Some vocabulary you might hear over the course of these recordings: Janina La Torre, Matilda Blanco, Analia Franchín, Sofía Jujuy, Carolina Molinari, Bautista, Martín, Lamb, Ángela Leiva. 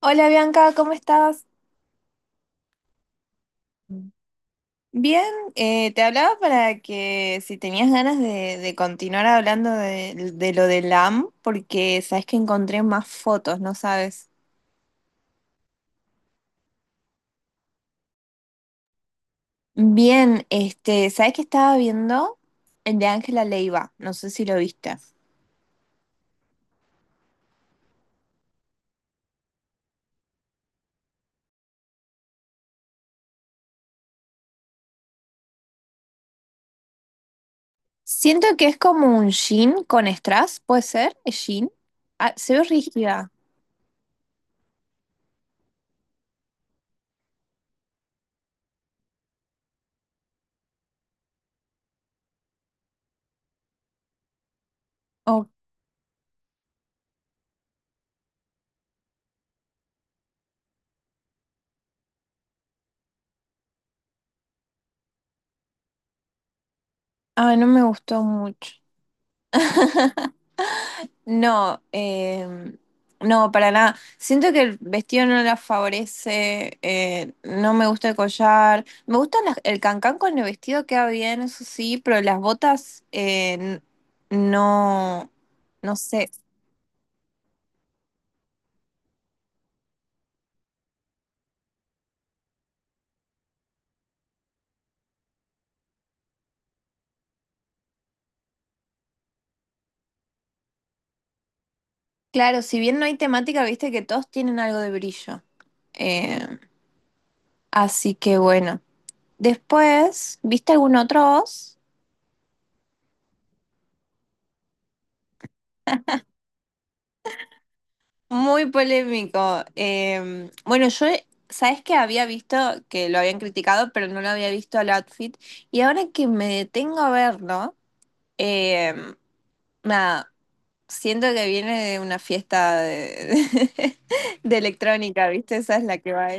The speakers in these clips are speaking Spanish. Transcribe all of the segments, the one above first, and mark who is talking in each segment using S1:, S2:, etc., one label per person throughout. S1: Hola Bianca, ¿cómo estás? Bien, te hablaba para que si tenías ganas de continuar hablando de lo del AM, porque sabes que encontré más fotos, ¿no sabes? Bien, este, ¿sabes que estaba viendo? El de Ángela Leiva, no sé si lo viste. Siento que es como un jean con strass, ¿puede ser? ¿Es jean? Ah, se ve rígida. Oh, ah, no me gustó mucho. No, no, para nada. Siento que el vestido no la favorece, no me gusta el collar. Me gusta el cancán con el vestido, queda bien, eso sí, pero las botas no, no sé. Claro, si bien no hay temática, viste que todos tienen algo de brillo. Eh, así que bueno. Después, ¿viste algún otro vos? Muy polémico. Bueno, yo, sabes que había visto que lo habían criticado, pero no lo había visto al outfit. Y ahora que me detengo a verlo, em, nada, siento que viene de una fiesta de, de electrónica, ¿viste? Esa es la que va a.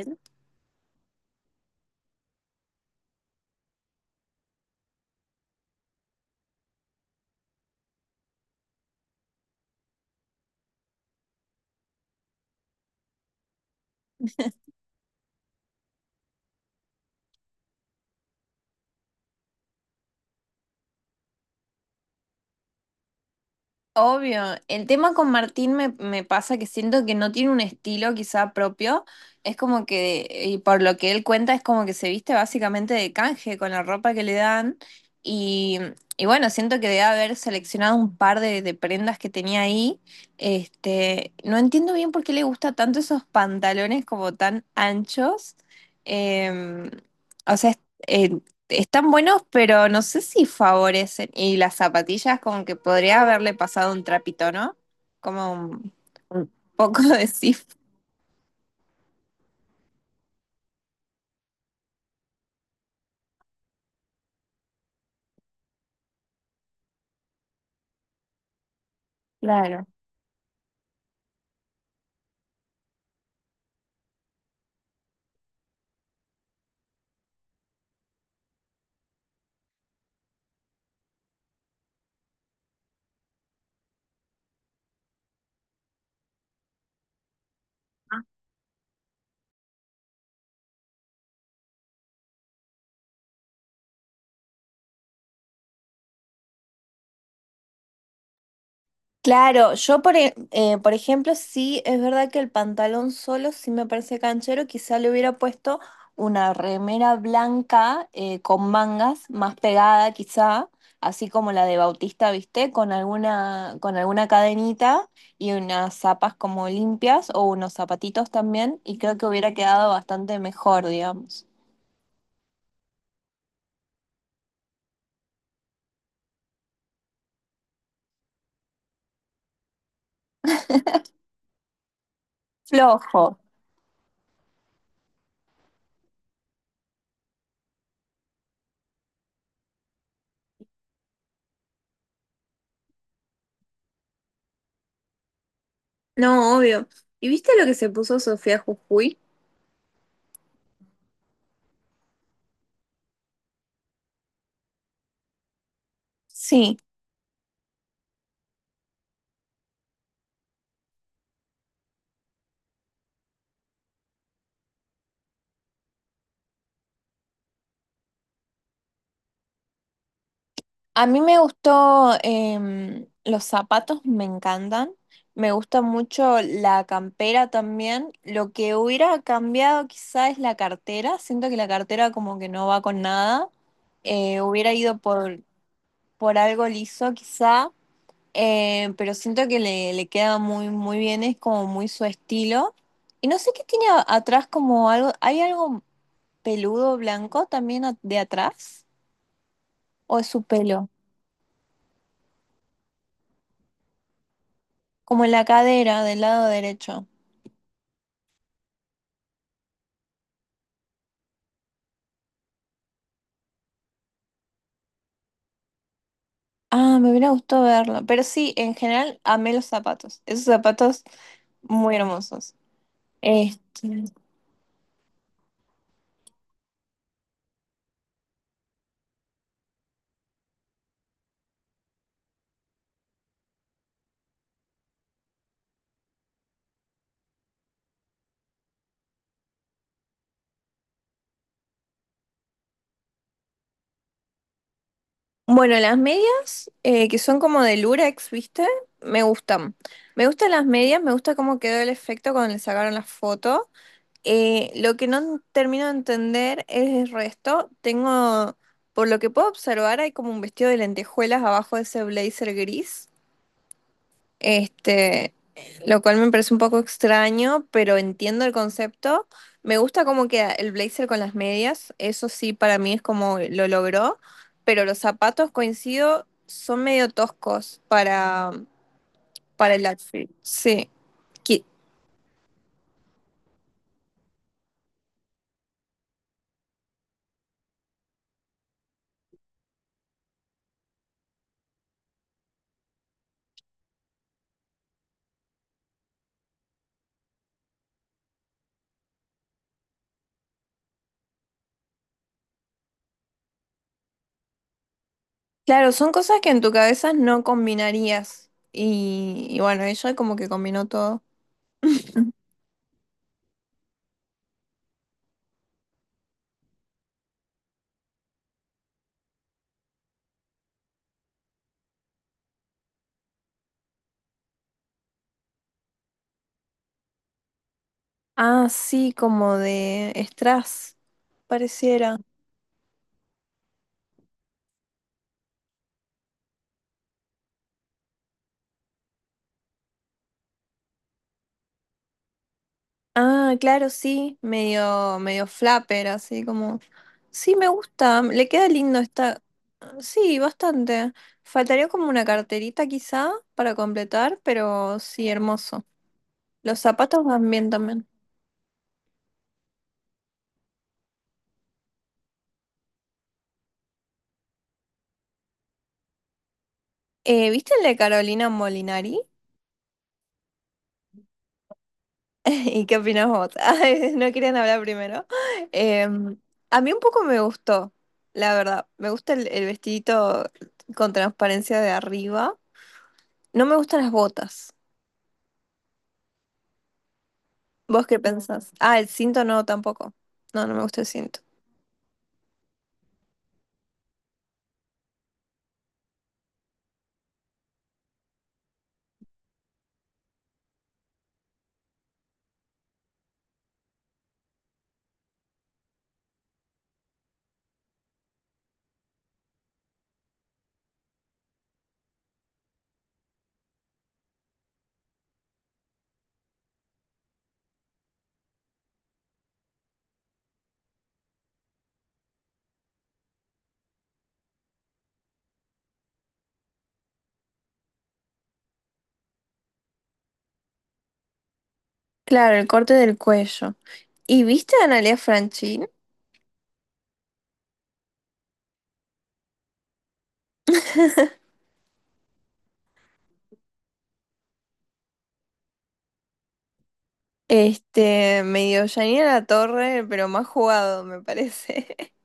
S1: Obvio, el tema con Martín me pasa que siento que no tiene un estilo quizá propio, es como que, y por lo que él cuenta, es como que se viste básicamente de canje con la ropa que le dan, y, y bueno, siento que debe haber seleccionado un par de prendas que tenía ahí, este, no entiendo bien por qué le gusta tanto esos pantalones como tan anchos. Em, o sea, eh, están buenos, pero no sé si favorecen. Y las zapatillas, como que podría haberle pasado un trapito, ¿no? Como un poco de cif. Claro, yo por ejemplo, sí es verdad que el pantalón solo sí me parece canchero, quizá le hubiera puesto una remera blanca con mangas más pegada quizá, así como la de Bautista, ¿viste? Con alguna cadenita y unas zapas como limpias o unos zapatitos también y creo que hubiera quedado bastante mejor, digamos. Flojo. No, obvio. ¿Y viste lo que se puso Sofía Jujuy? Sí. A mí me gustó, los zapatos me encantan, me gusta mucho la campera también. Lo que hubiera cambiado quizá es la cartera, siento que la cartera como que no va con nada. Hubiera ido por algo liso quizá, pero siento que le queda muy, muy bien, es como muy su estilo. Y no sé qué tiene atrás como algo, ¿hay algo peludo blanco también de atrás? ¿O es su pelo? Como en la cadera del lado derecho. Ah, me hubiera gustado verlo. Pero sí, en general amé los zapatos. Esos zapatos muy hermosos. Este. Bueno, las medias, que son como de lurex, ¿viste? Me gustan. Me gustan las medias, me gusta cómo quedó el efecto cuando le sacaron la foto. Lo que no termino de entender es el resto. Tengo, por lo que puedo observar, hay como un vestido de lentejuelas abajo de ese blazer gris. Este, lo cual me parece un poco extraño, pero entiendo el concepto. Me gusta como queda el blazer con las medias, eso sí para mí es como lo logró, pero los zapatos, coincido, son medio toscos para el outfit. Sí. Qui- Claro, son cosas que en tu cabeza no combinarías. Y bueno, ella como que combinó todo. Ah, sí, como de strass, pareciera. Ah, claro, sí, medio, medio flapper, así como. Sí, me gusta, le queda lindo esta. Sí, bastante. Faltaría como una carterita quizá para completar, pero sí, hermoso. Los zapatos van bien también. ¿Viste el de Carolina Molinari? ¿Y qué opinas vos? Ay, no querían hablar primero. Em, a mí un poco me gustó, la verdad. Me gusta el vestidito con transparencia de arriba. No me gustan las botas. ¿Vos qué pensás? Ah, el cinto no, tampoco. No, no me gusta el cinto. Claro, el corte del cuello. ¿Y viste a Analia Franchín? Este, medio Janina La Torre, pero más jugado, me parece.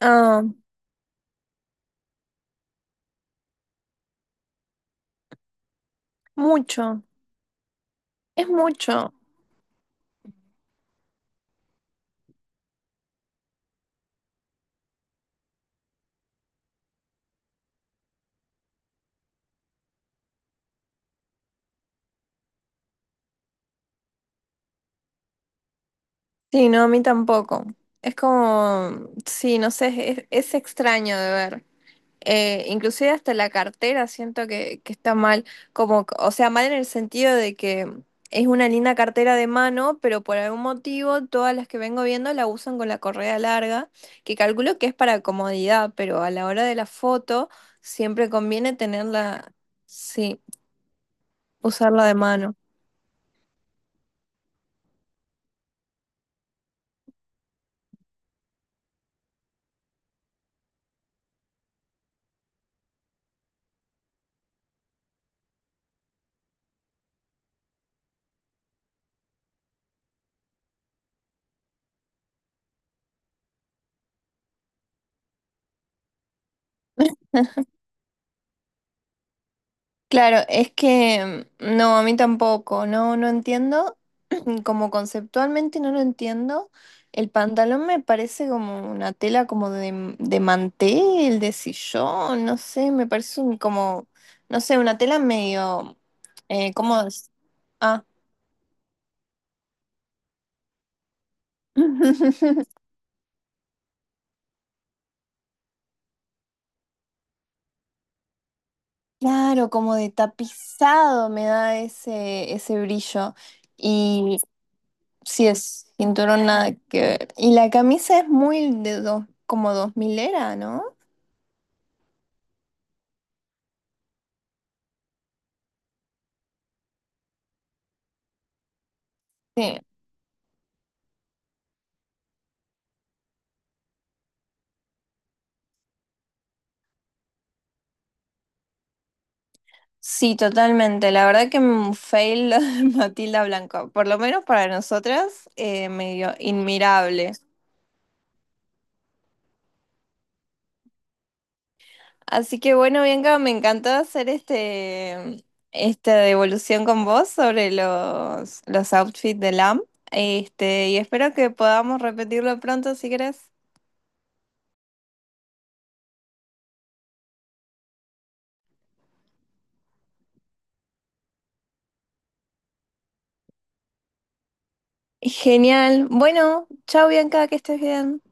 S1: Ah, mucho. Es mucho. Sí, no, a mí tampoco. Es como, sí, no sé, es extraño de ver. Inclusive hasta la cartera siento que está mal, como, o sea, mal en el sentido de que es una linda cartera de mano, pero por algún motivo todas las que vengo viendo la usan con la correa larga, que calculo que es para comodidad, pero a la hora de la foto siempre conviene tenerla, sí, usarla de mano. Claro, es que no, a mí tampoco, no, no entiendo. Como conceptualmente no lo entiendo. El pantalón me parece como una tela como de mantel, de sillón, no sé, me parece un, como, no sé, una tela medio, ¿cómo es? Ah, claro, como de tapizado me da ese brillo. Sí, es cinturón nada que ver. Y la camisa es muy de dos, como dos milera, ¿no? Sí. Sí, totalmente. La verdad que un fail lo de Matilda Blanco, por lo menos para nosotras, medio inmirable. Así que bueno, Bianca, me encantó hacer esta devolución con vos sobre los outfits de Lamb. Este, y espero que podamos repetirlo pronto si querés. Genial. Bueno, chao Bianca, que estés bien.